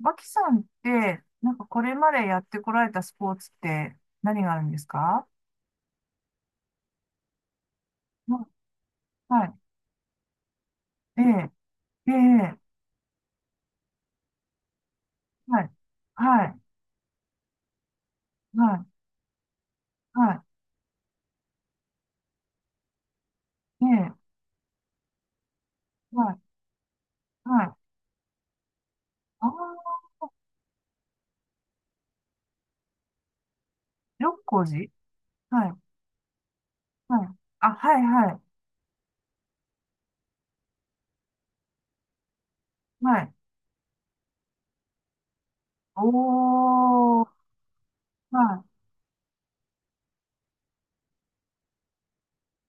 マキさんって、なんかこれまでやってこられたスポーツって何があるんですか？うん。はい。ええ、ええ、はい。はい。はい。はい。ええ、はい。はい。ああ、六甲寺、はい。はい。あ、はい、はい。はい。おー。は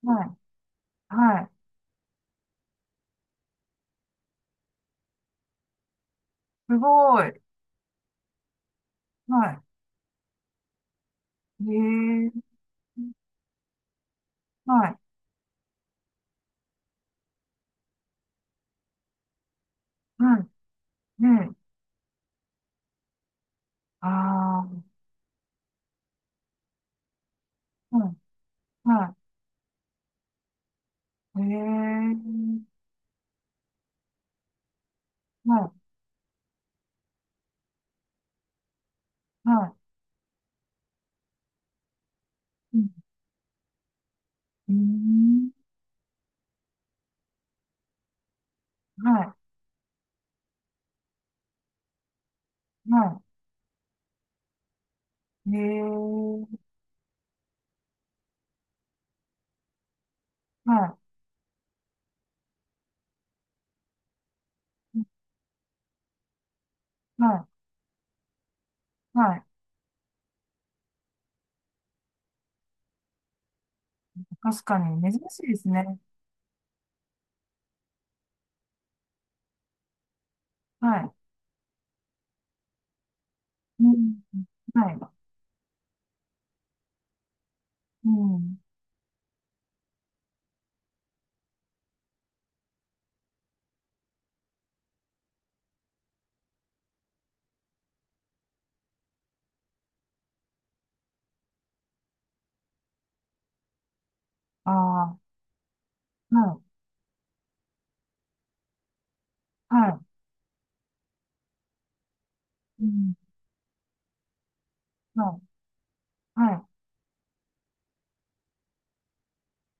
い。はい。はい。すごい。はい。ええ、はい。はい。ええ、ああ、はい。はい。ええ、はい。はい。うん、うーん。はい。はい。へえ。はい。はい。はい。確かに、珍しいですね。はい。うん。はい。うん。ああ。はい。はい。うん。はい。はい。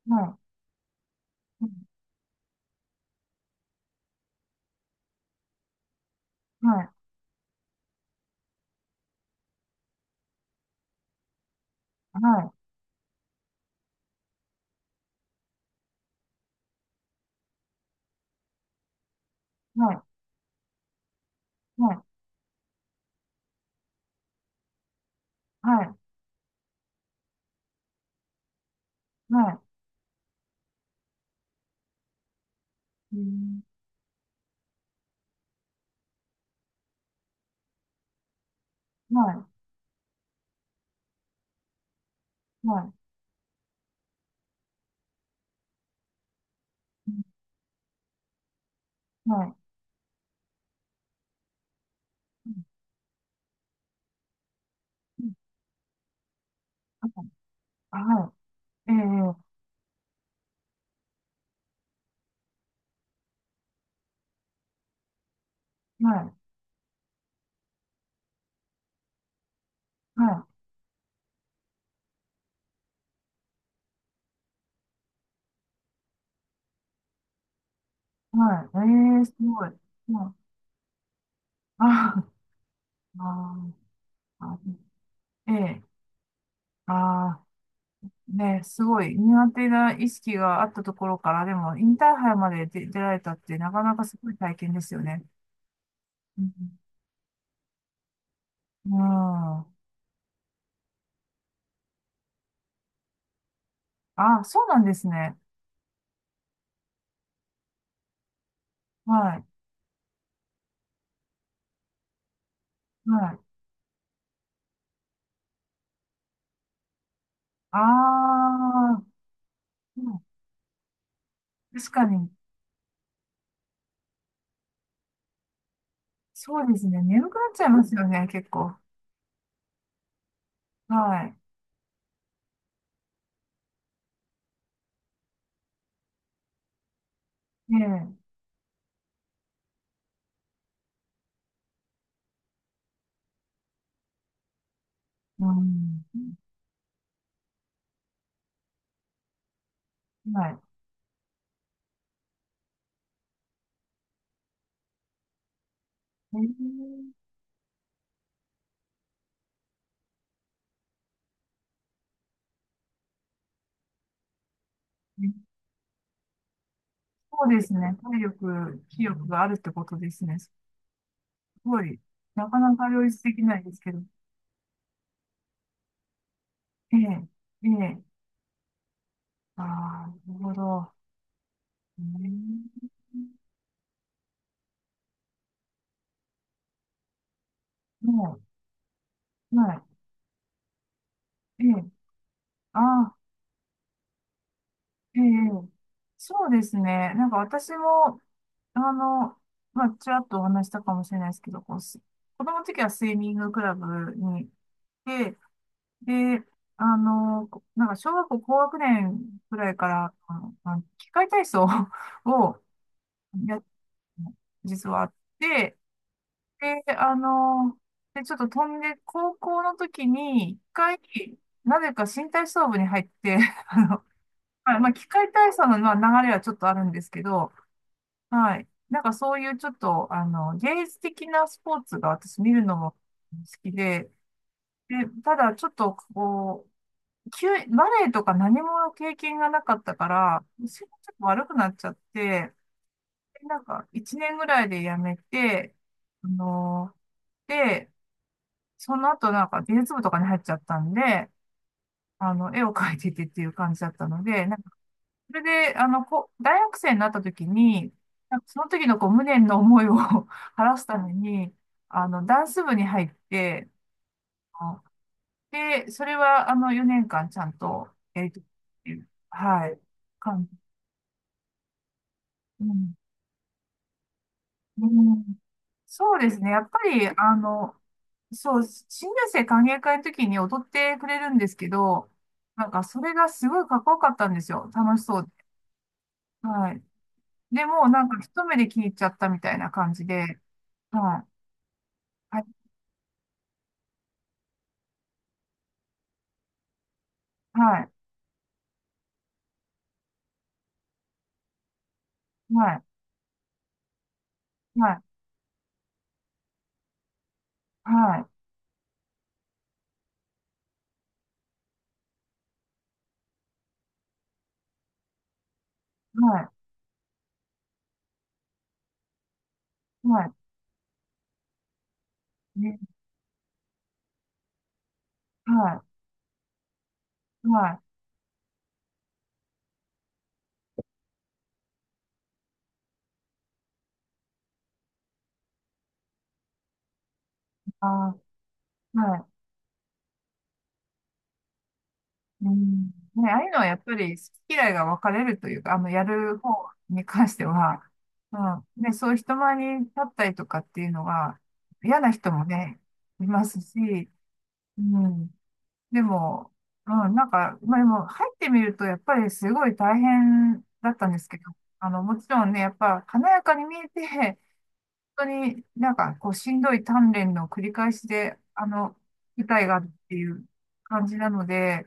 はい。うん、はい。はい。はい。はい。はい。はい。うん。はい。はい。うん、はい。うん、うん、あ、はい。ええ。はい。はい。はい。ええ、すごい。はい。ああ。ああ。ええ。ああ、ね、すごい苦手な意識があったところから、でも、インターハイまで出られたって、なかなかすごい体験ですよね。うん。うん、ああ、そうなんですね。はい。はい。ああ、うん、確かに、そうですね。眠くなっちゃいますよね、結構。はい。ええ。うん。はい。ええ、そうですね。体力、気力があるってことですね。すごい、なかなか両立できないですけど。ええ、ええ、ああ、なるほど。うん、もう、はい、ええ、ああ、ええ、そうですね。なんか私も、あの、まあ、ちらっとお話したかもしれないですけど、こう、子供の時はスイミングクラブに行って、で、なんか小学校高学年くらいから、器械体操を をやっ、実はあって、で、ちょっと飛んで、高校の時に、一回、なぜか身体操部に入って、あの、まあ、まあ器械体操の、まあ、流れはちょっとあるんですけど、はい。なんかそういうちょっと、芸術的なスポーツが私見るのも好きで、で、ただちょっと、こう、バレエとか何も経験がなかったから、腰がちょっと悪くなっちゃって、でなんか、一年ぐらいでやめて、あの、で、その後なんか美術部とかに入っちゃったんで、絵を描いててっていう感じだったので、なんかそれで、こう、大学生になった時に、なんかその時のこう無念の思いを 晴らすために、ダンス部に入って、あで、それは4年間ちゃんとやりとっていう、はい、感じ。うん。うん、そうですね。やっぱり、そう、新入生歓迎会の時に踊ってくれるんですけど、なんかそれがすごいかっこよかったんですよ。楽しそうで。はい。でも、なんか一目で気に入っちゃったみたいな感じで、はい。はい。はい。はい。はい。はい。はい。はい。ね、はい。はい。あー、はい。うん。ね、ああいうのはやっぱり好き嫌いが分かれるというか、やる方に関しては、うん、ね、そういう人前に立ったりとかっていうのが嫌な人もね、いますし、うん。でも、うん、なんか、まあでも入ってみるとやっぱりすごい大変だったんですけど、もちろんね、やっぱ華やかに見えて本当になんかこうしんどい鍛錬の繰り返しで、舞台があるっていう感じなので、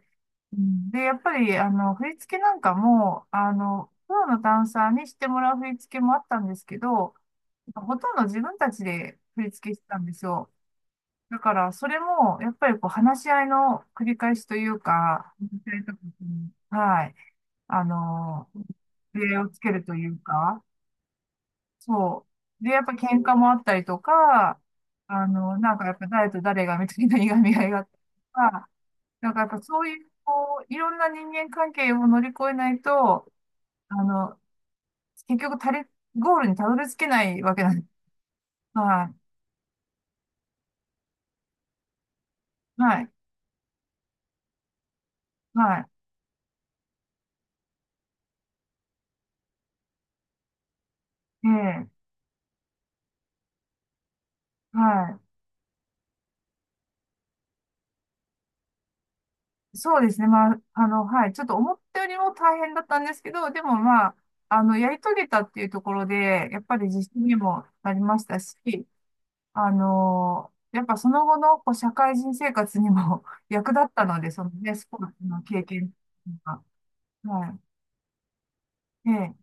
うんで、やっぱり振り付けなんかも、プロのダンサーにしてもらう振り付けもあったんですけど、ほとんど自分たちで振り付けしてたんですよ。だから、それも、やっぱりこう、話し合いの繰り返しというか、話し合いとかに。はい。あの、礼をつけるというか、そう。で、やっぱ喧嘩もあったりとか、なんかやっぱ誰と誰がみたいないがみ合いがあったりとか、なんかやっぱそういう、こう、いろんな人間関係を乗り越えないと、あの、結局ゴールにたどり着けないわけなんです。はい。はい。はい。ええ。はい。そうですね。まあ、はい。ちょっと思ったよりも大変だったんですけど、でもまあ、やり遂げたっていうところで、やっぱり自信にもなりましたし、やっぱその後のこう社会人生活にも 役立ったので、そのね、スポーツの経験が。はい。ええ、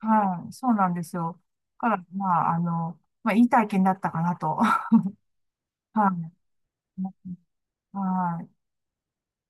はい。そうなんですよ。だから、まあ、まあ、いい体験だったかなと。はい。はい。